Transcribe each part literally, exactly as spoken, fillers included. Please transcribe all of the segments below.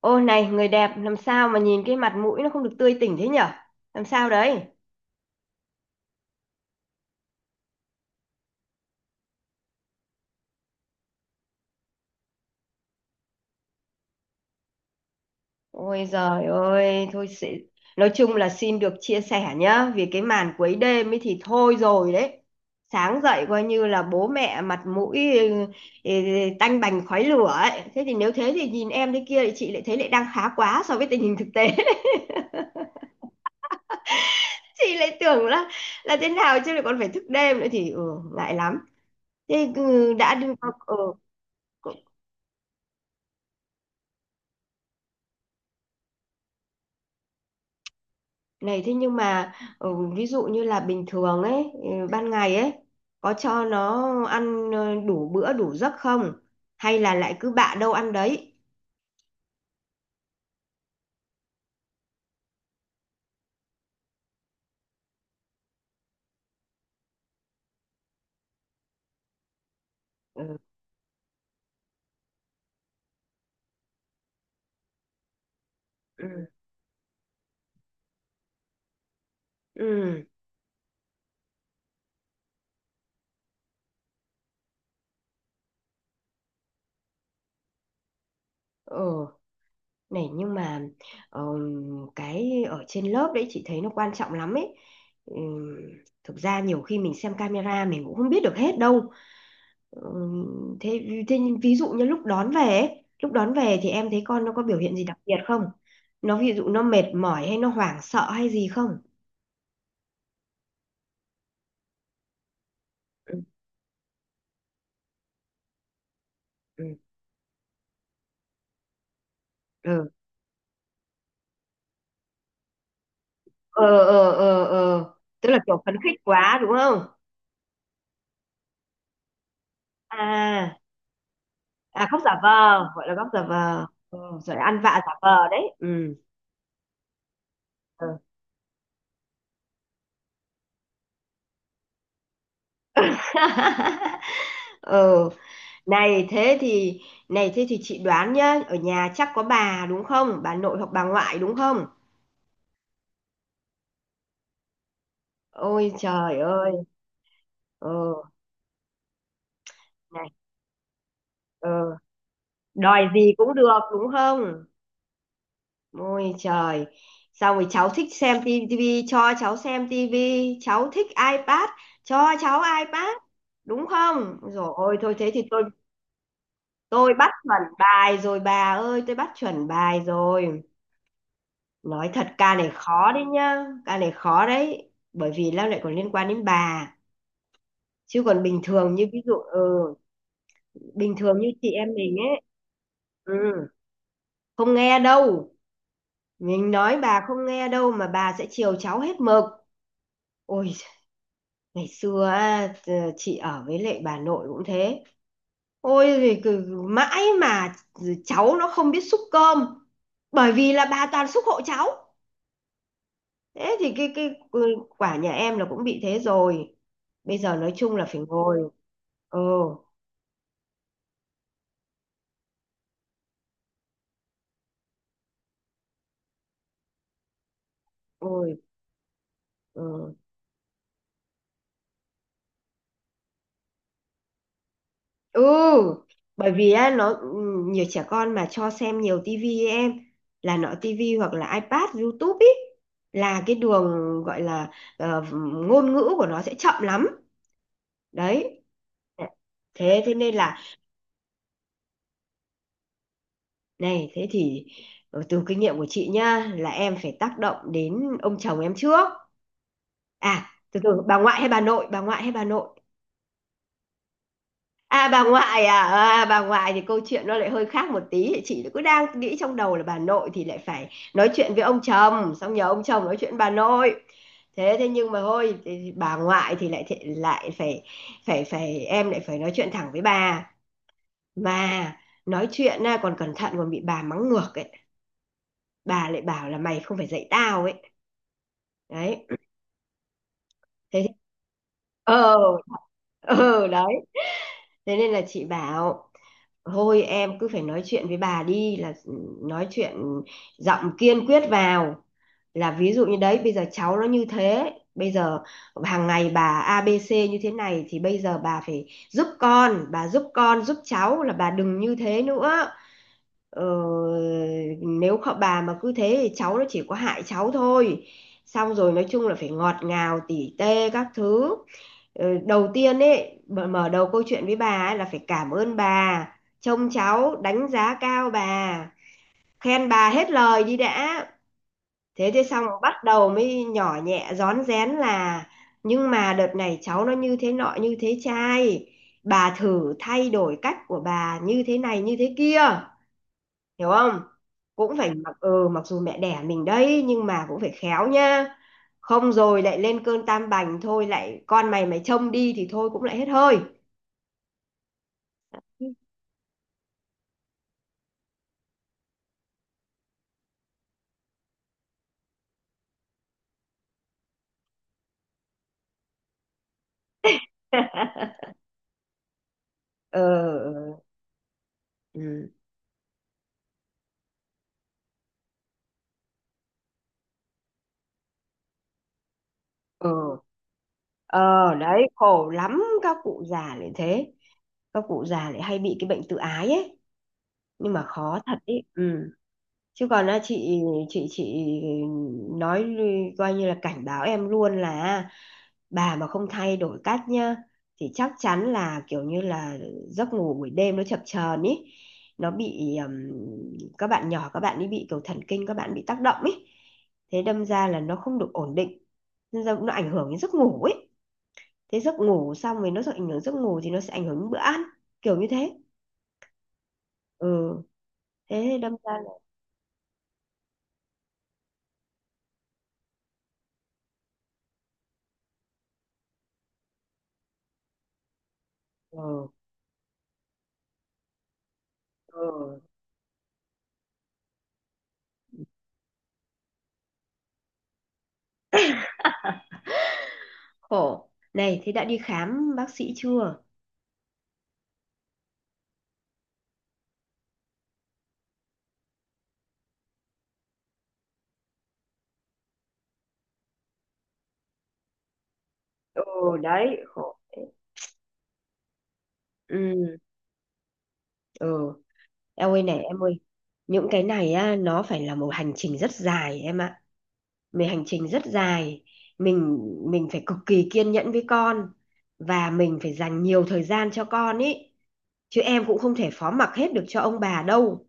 Ô này người đẹp, làm sao mà nhìn cái mặt mũi nó không được tươi tỉnh thế nhở? Làm sao đấy? Ôi giời ơi, thôi sẽ... nói chung là xin được chia sẻ nhá, vì cái màn quấy đêm ấy thì thôi rồi đấy. Sáng dậy coi như là bố mẹ mặt mũi ừ, ừ, tanh bành khói lửa ấy. Thế thì nếu thế thì nhìn em thế kia thì chị lại thấy lại đang khá quá so với tình hình thực tế. Chị lại tưởng là là thế nào, chứ lại còn phải thức đêm nữa thì ừ, ngại lắm. Thế ừ, đã đi ừ. Này thế nhưng mà, ừ, ví dụ như là bình thường ấy, ừ, ban ngày ấy, có cho nó ăn ờ, đủ bữa đủ giấc không? Hay là lại cứ bạ đâu ăn đấy? Ừ. Ừ. Ừ. Ừ. Này nhưng mà, ờ, cái ở trên lớp đấy chị thấy nó quan trọng lắm ấy. Ừ, thực ra nhiều khi mình xem camera mình cũng không biết được hết đâu. Ừm, thế, thế nhưng ví dụ như lúc đón về ấy, lúc đón về thì em thấy con nó có biểu hiện gì đặc biệt không? Nó ví dụ nó mệt mỏi hay nó hoảng sợ hay gì không? Ừ, ừ, ừ. Ờ, ờ, ờ, ờ. Tức là kiểu phấn khích quá đúng không? À, à khóc giả vờ, gọi là khóc giả vờ. Ừ, rồi ăn vạ giả vờ đấy. Ừ. Ừ. Ừ, này thế thì này thế thì chị đoán nhá, ở nhà chắc có bà đúng không, bà nội hoặc bà ngoại đúng không? Ôi trời ơi. Ờ. Này. Ờ. Đòi gì cũng được đúng không? Ôi trời. Xong rồi cháu thích xem tivi cho cháu xem tivi, cháu thích iPad cho cháu iPad, đúng không? Rồi ôi thôi thế thì tôi tôi bắt chuẩn bài rồi bà ơi, tôi bắt chuẩn bài rồi. Nói thật ca này khó đấy nhá, ca này khó đấy, bởi vì nó lại còn liên quan đến bà. Chứ còn bình thường như ví dụ ừ, bình thường như chị em mình ấy. ừ, Không nghe đâu. Mình nói bà không nghe đâu, mà bà sẽ chiều cháu hết mực. Ôi, ngày xưa á, t- chị ở với lại bà nội cũng thế. Ôi, thì cứ- mãi mà cháu nó không biết xúc cơm. Bởi vì là bà toàn xúc hộ cháu. Thế thì cái cái ừ, quả nhà em là cũng bị thế rồi. Bây giờ nói chung là phải ngồi. Ừ, ngồi. Ừ. Ừ, bởi vì á nó ừ, nhiều trẻ con mà cho xem nhiều tivi ấy em, là nọ tivi hoặc là iPad, YouTube ý là cái đường gọi là ờ, ngôn ngữ của nó sẽ chậm lắm. Đấy. Thế thế nên là, này thế thì, ờ, từ kinh nghiệm của chị nhá, là em phải tác động đến ông chồng em trước. À, từ từ, bà ngoại hay bà nội, bà ngoại hay bà nội? À bà ngoại à, ờ, à bà ngoại thì câu chuyện nó lại hơi khác một tí. Chị cứ đang nghĩ trong đầu là bà nội thì lại phải nói chuyện với ông chồng, xong nhờ ông chồng nói chuyện với bà nội. Thế thế nhưng mà thôi, thì bà ngoại thì lại thì lại phải phải phải em lại phải nói chuyện thẳng với bà. Mà nói chuyện à, còn cẩn thận còn bị bà mắng ngược ấy, bà lại bảo là mày không phải dạy tao ấy. Đấy. Thế. Ờ. Ờ. Đấy, thế nên là chị bảo thôi em cứ phải nói chuyện với bà đi, là ừ, nói chuyện giọng kiên quyết vào, là ví dụ như đấy bây giờ cháu nó như thế, bây giờ hàng ngày bà a ABC như thế này thì bây giờ bà phải giúp con, bà giúp con giúp cháu, là bà đừng như thế nữa. Ờ, nếu họ bà mà cứ thế thì cháu nó chỉ có hại cháu thôi. Xong rồi nói chung là phải ngọt ngào tỉ tê các thứ. Ờ, đầu tiên ấy, mở mở đầu câu chuyện với bà ấy là phải cảm ơn bà trông cháu, đánh giá cao bà, khen bà hết lời đi đã. Thế thế xong rồi bắt đầu mới nhỏ nhẹ rón rén, là nhưng mà đợt này cháu nó như thế nọ như thế trai, bà thử thay đổi cách của bà như thế này như thế kia, hiểu không? Cũng phải mặc ừ mặc dù mẹ đẻ mình đấy, nhưng mà cũng phải khéo nha. Không rồi lại lên cơn tam bành, thôi lại con mày mày trông đi thì thôi, cũng lại hết hơi. Ờ. ừ, ừ. Ờ đấy, khổ lắm, các cụ già lại thế, các cụ già lại hay bị cái bệnh tự ái ấy. Nhưng mà khó thật ấy ừ. Chứ còn á, chị chị chị nói lư- coi như là cảnh báo em luôn là bà mà không thay đổi cách nhá thì chắc chắn là kiểu như là giấc ngủ buổi đêm nó chập chờn ý. Nó bị ừm, các bạn nhỏ, các bạn ấy bị kiểu thần kinh, các bạn bị tác động ý. Thế đâm ra là nó không được ổn định, nên ra nó ảnh hưởng đến giấc ngủ ấy. Thế giấc ngủ xong rồi nó sẽ ảnh hưởng giấc ngủ, thì nó sẽ ảnh hưởng đến bữa ăn, kiểu như thế. Ừ, thế đâm ra là ừ, ừ khổ. Này thế đã đi khám bác sĩ chưa? Ừ đấy khổ. Ừ. Ừ. Em ơi, này em ơi, những cái này á nó phải là một hành trình rất dài em ạ. Mình hành trình rất dài. Mình mình phải cực kỳ kiên nhẫn với con, và mình phải dành nhiều thời gian cho con ý. Chứ em cũng không thể phó mặc hết được cho ông bà đâu.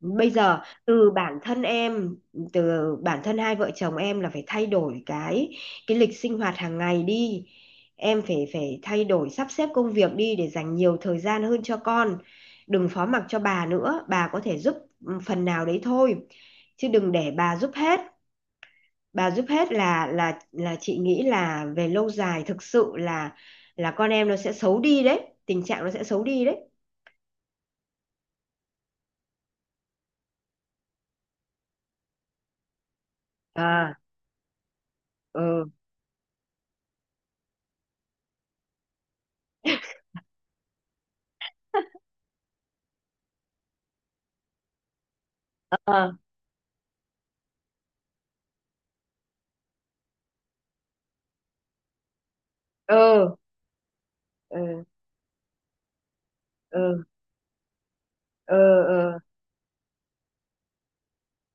Bây giờ từ bản thân em, từ bản thân hai vợ chồng em là phải thay đổi cái cái lịch sinh hoạt hàng ngày đi. Em phải phải thay đổi sắp xếp công việc đi để dành nhiều thời gian hơn cho con. Đừng phó mặc cho bà nữa, bà có thể giúp ừ, phần nào đấy thôi, chứ đừng để bà giúp hết. Bà giúp hết là là là chị nghĩ là về lâu dài thực sự là là con em nó sẽ xấu đi đấy, tình trạng nó sẽ xấu đi đấy. À. Ừ. Ờ, ừ. Ừ. Ừ. Ờ. Ờ.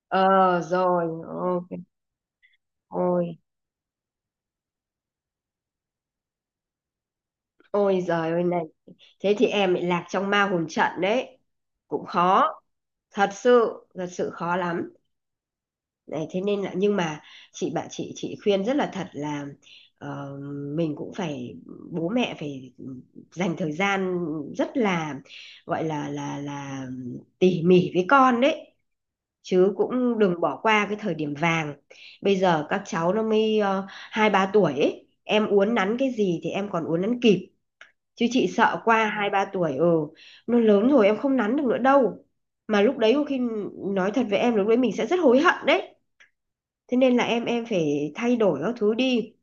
Ờ rồi ok. Ôi. Ôi giời ơi này, thế thì em bị lạc trong ma hồn trận đấy, cũng khó, thật sự thật sự khó lắm. Này thế nên là, nhưng mà chị bạn chị chị khuyên rất là thật là ờ, mình cũng phải, bố mẹ phải dành thời gian rất là, gọi là là là tỉ mỉ với con đấy. Chứ cũng đừng bỏ qua cái thời điểm vàng. Bây giờ các cháu nó mới ờ, hai ba tuổi ấy, em uốn nắn cái gì thì em còn uốn nắn kịp. Chứ chị sợ qua hai ba tuổi ừ, nó lớn rồi em không nắn được nữa đâu. Mà lúc đấy có khi, nói thật với em lúc đấy mình sẽ rất hối hận đấy. Thế nên là em em phải thay đổi các thứ đi.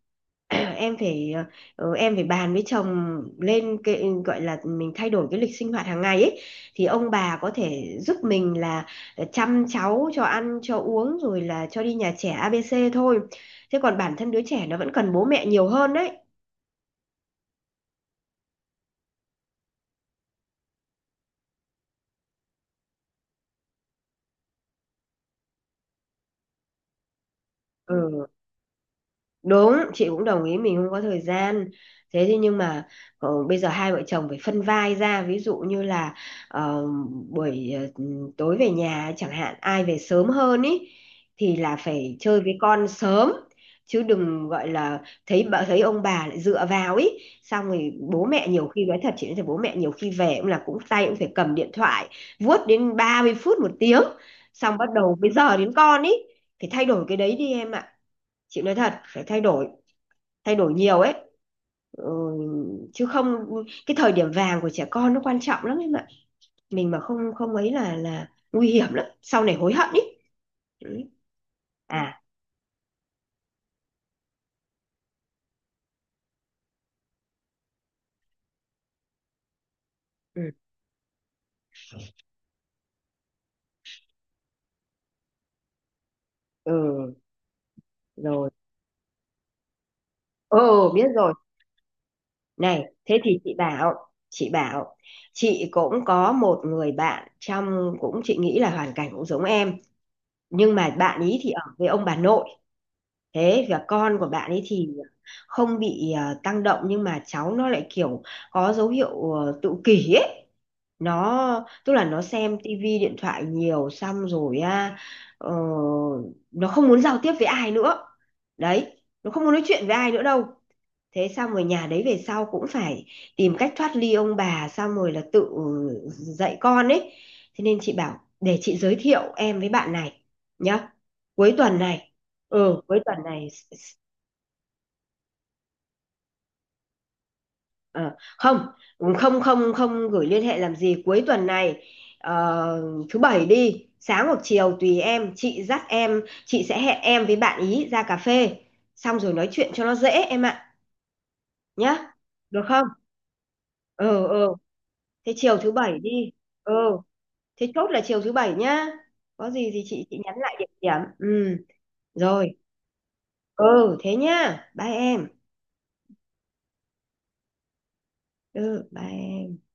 Em phải ờ, ờ, em phải bàn với chồng lên cái gọi là mình thay đổi cái lịch sinh hoạt hàng ngày ấy. Thì ông bà có thể giúp mình là chăm cháu cho ăn cho uống rồi là cho đi nhà trẻ a bê xê thôi. Thế còn bản thân đứa trẻ nó vẫn cần bố mẹ nhiều hơn đấy. Ừ. Đúng, chị cũng đồng ý mình không có thời gian. Thế thì nhưng mà, ờ, bây giờ hai vợ chồng phải phân vai ra, ví dụ như là ờ, buổi ờ, tối về nhà chẳng hạn, ai về sớm hơn ý thì là phải chơi với con sớm. Chứ đừng gọi là thấy bà, thấy ông bà lại dựa vào ý. Xong rồi bố mẹ nhiều khi, nói thật chị nói thật, bố mẹ nhiều khi về cũng là cũng tay cũng phải cầm điện thoại vuốt đến ba mươi phút một tiếng, xong bắt đầu bây giờ đến con ý. Phải thay đổi cái đấy đi em ạ, chị nói thật phải thay đổi, thay đổi nhiều ấy. ừ, Chứ không cái thời điểm vàng của trẻ con nó quan trọng lắm em ạ, mình mà không không ấy là là nguy hiểm lắm, sau này hối hận ý. Ừ. À. ừ, ừ rồi. Ừ biết rồi. Này thế thì chị bảo, chị bảo chị cũng có một người bạn, trong cũng chị nghĩ là hoàn cảnh cũng giống em, nhưng mà bạn ý thì ở với ông bà nội. Thế và con của bạn ấy thì không bị ờ, tăng động, nhưng mà cháu nó lại kiểu có dấu hiệu ờ, tự kỷ ấy. Nó tức là nó xem tivi điện thoại nhiều xong rồi á, ờ, nó không muốn giao tiếp với ai nữa đấy, nó không muốn nói chuyện với ai nữa đâu. Thế xong rồi nhà đấy về sau cũng phải tìm cách thoát ly ông bà xong rồi là tự dạy con ấy. Thế nên chị bảo để chị giới thiệu em với bạn này nhá, cuối tuần này. Ừ cuối tuần này. Ờ, không không không không gửi liên hệ làm gì, cuối tuần này ờ, thứ bảy đi, sáng hoặc chiều tùy em, chị dắt em, chị sẽ hẹn em với bạn ý ra cà phê xong rồi nói chuyện cho nó dễ em ạ, nhá, được không? Ờ ờ. Thế chiều thứ bảy đi. Ờ, thế chốt là chiều thứ bảy nhá, có gì thì chị chị nhắn lại địa điểm ừ. Rồi. Ừ thế nhá, bye em. Ừ bye em.